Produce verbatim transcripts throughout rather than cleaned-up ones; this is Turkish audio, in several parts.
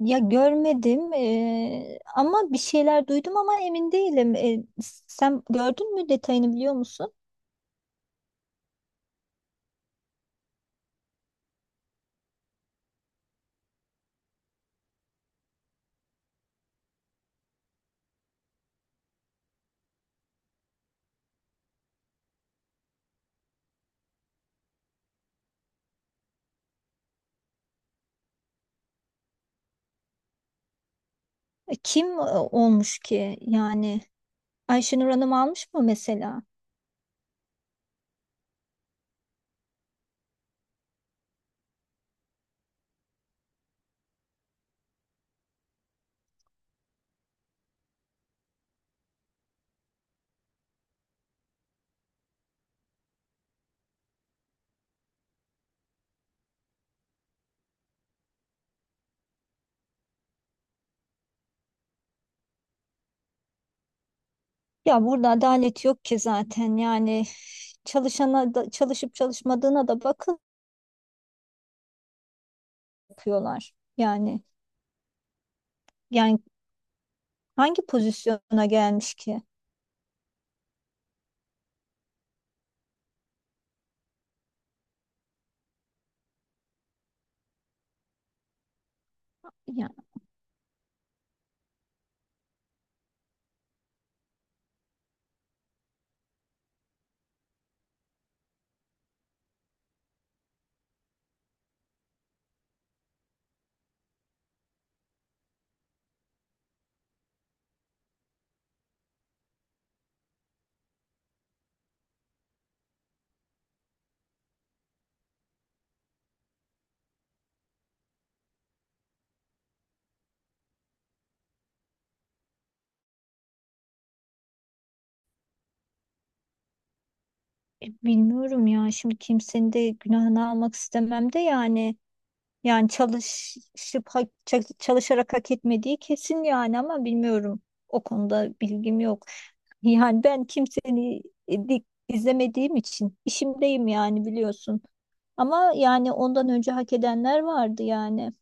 Ya görmedim eee, ama bir şeyler duydum ama emin değilim. E, sen gördün mü, detayını biliyor musun? E, kim e, olmuş ki yani? Ayşenur Hanım almış mı mesela? Ya burada adalet yok ki zaten yani, çalışana da, çalışıp çalışmadığına da bakın yapıyorlar. Yani yani hangi pozisyona gelmiş ki? Ya e, bilmiyorum ya, şimdi kimsenin de günahını almak istemem de yani. Yani çalışıp hak- ça- çalışarak hak etmediği kesin yani, ama bilmiyorum. O konuda bilgim yok. Yani ben kimseni e, di- izlemediğim için, işimdeyim yani, biliyorsun. Ama yani ondan önce hak edenler vardı yani.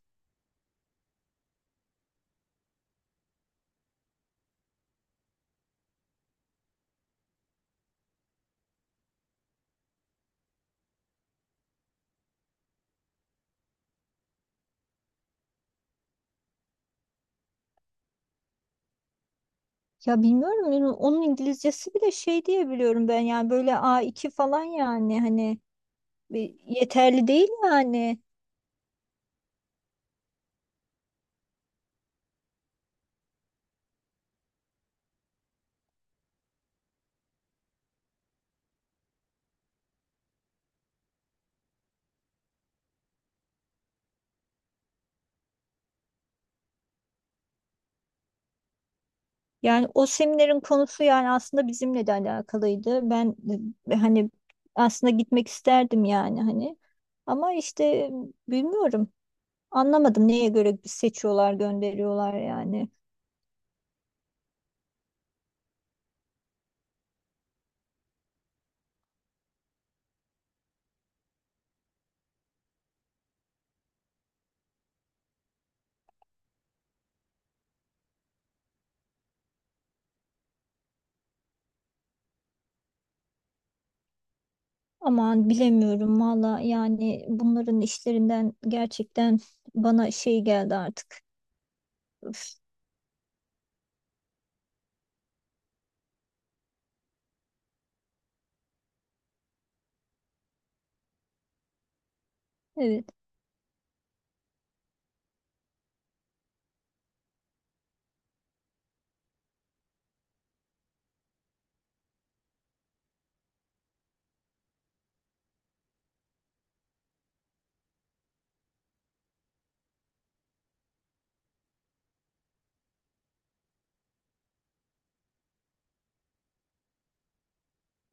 Ya bilmiyorum yani, onun İngilizcesi bile şey diye biliyorum ben, yani böyle a iki falan, yani hani e, yeterli değil yani. Yani o seminerin konusu, yani aslında bizimle de alakalıydı. Ben e, hani aslında gitmek isterdim yani, hani. Ama işte e, bilmiyorum. Anlamadım neye göre seçiyorlar, gönderiyorlar yani. Aman bilemiyorum valla yani, bunların işlerinden gerçekten bana şey geldi artık. Öf, evet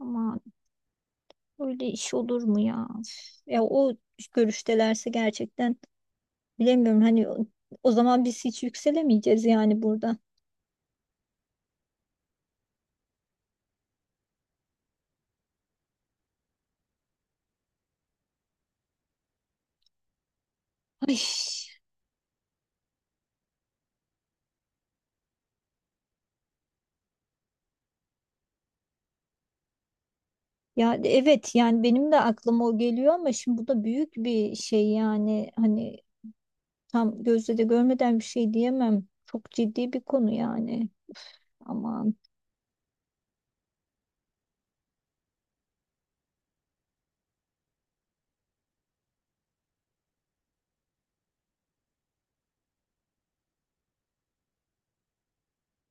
ama öyle iş olur mu ya? Üf, ya o görüştelerse gerçekten bilemiyorum, hani o o zaman biz hiç yükselemeyeceğiz yani burada. Ay, ya evet yani, benim de aklıma o geliyor, ama şimdi bu da büyük bir şey yani, hani tam gözle de görmeden bir şey diyemem. Çok ciddi bir konu yani. Aman,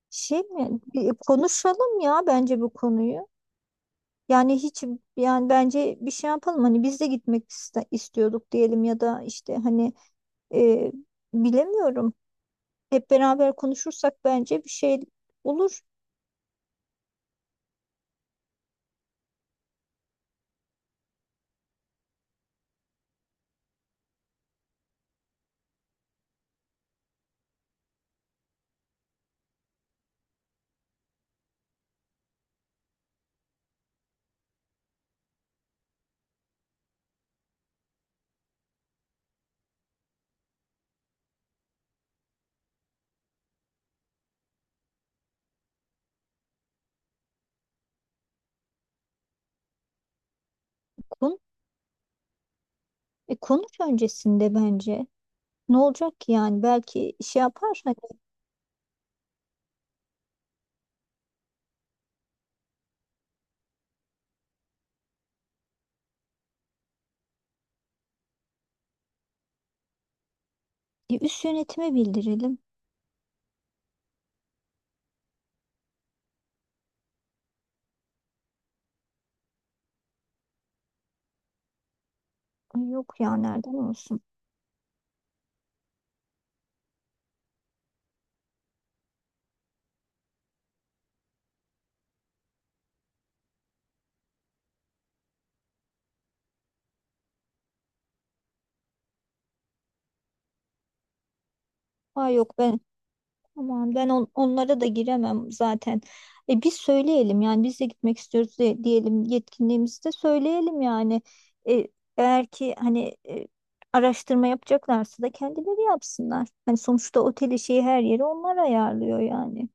şey mi? Bir konuşalım ya, bence bu konuyu. Yani hiç, yani bence bir şey yapalım, hani biz de gitmek iste- istiyorduk diyelim, ya da işte hani e, bilemiyorum. Hep beraber konuşursak bence bir şey olur. Kon- e, konuş öncesinde bence. Ne olacak ki yani? Belki şey yapar. Hani e, üst yönetime bildirelim. Ay, yok ya, nereden olsun? Ay yok, ben aman, ben on- onlara da giremem zaten. E biz söyleyelim yani, biz de gitmek istiyoruz de, diyelim, yetkinliğimizi de söyleyelim yani. E, eğer ki hani e, araştırma yapacaklarsa da kendileri yapsınlar. Hani sonuçta oteli, şeyi, her yeri onlar ayarlıyor yani.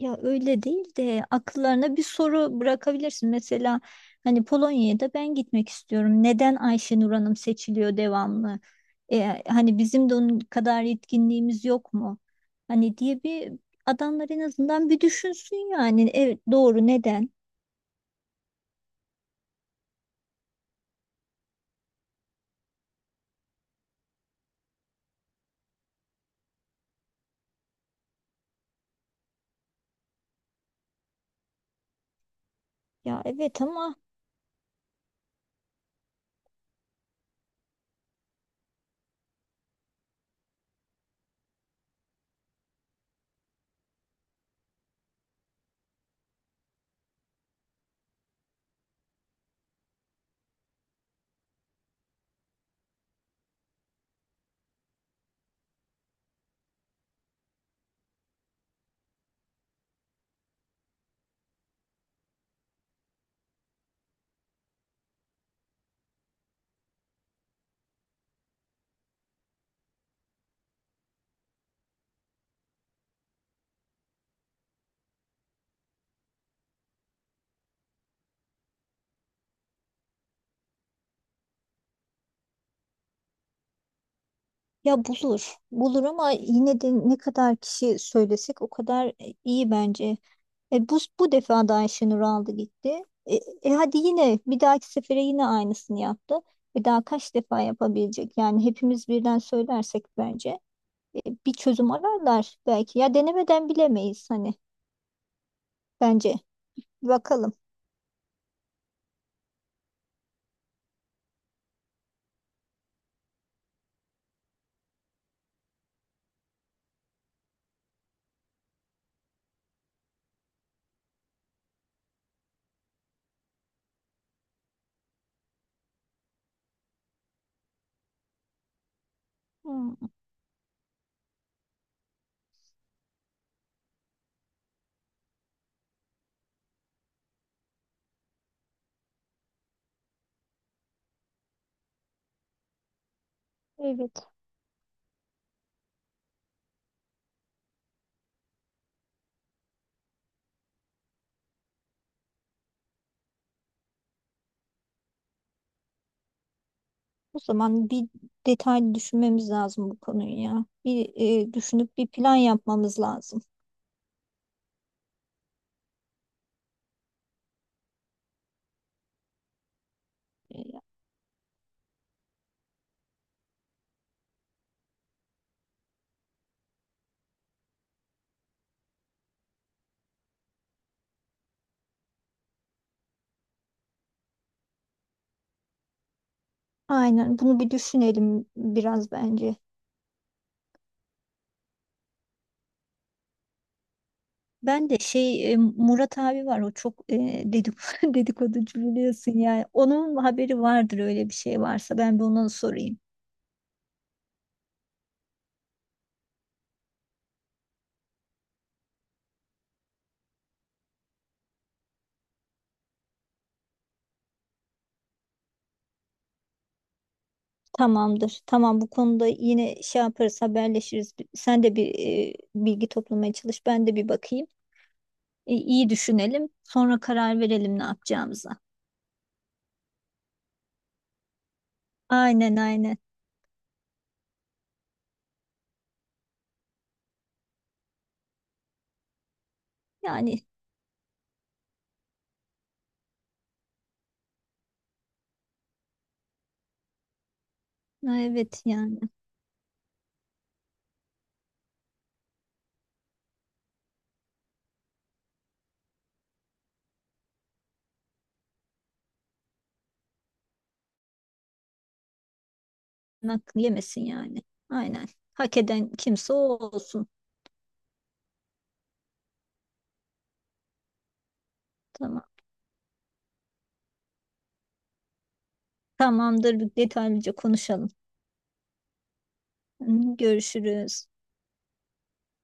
Ya öyle değil de, akıllarına bir soru bırakabilirsin. Mesela, hani Polonya'ya da ben gitmek istiyorum. Neden Ayşenur Hanım seçiliyor devamlı? E, hani bizim de onun kadar yetkinliğimiz yok mu? Hani diye bir, adamlar en azından bir düşünsün yani. Evet, doğru, neden? Ya evet ama, ya bulur. Bulur ama yine de ne kadar kişi söylesek o kadar iyi bence. E, bu, bu defa da Ayşenur aldı gitti. E, e, hadi yine, bir dahaki sefere yine aynısını yaptı. Bir daha kaç defa yapabilecek? Yani hepimiz birden söylersek bence e, bir çözüm ararlar belki. Ya denemeden bilemeyiz hani, bence. Bir bakalım. Hmm, evet. O zaman bir detaylı düşünmemiz lazım bu konuyu ya. Bir e, düşünüp bir plan yapmamız lazım. E, Aynen, bunu bir düşünelim biraz bence. Ben de şey, e, Murat abi var, o çok e, dedik dedikoducu biliyorsun yani. Onun haberi vardır, öyle bir şey varsa ben bir ona sorayım. Tamamdır. Tamam, bu konuda yine şey yaparız, haberleşiriz. Sen de bir e, bilgi toplamaya çalış, ben de bir bakayım. E, iyi düşünelim, sonra karar verelim ne yapacağımıza. Aynen, aynen. Yani evet yani. Hakkı yemesin yani. Aynen. Hak eden kimse o olsun. Tamam. Tamamdır, detaylıca konuşalım. Görüşürüz.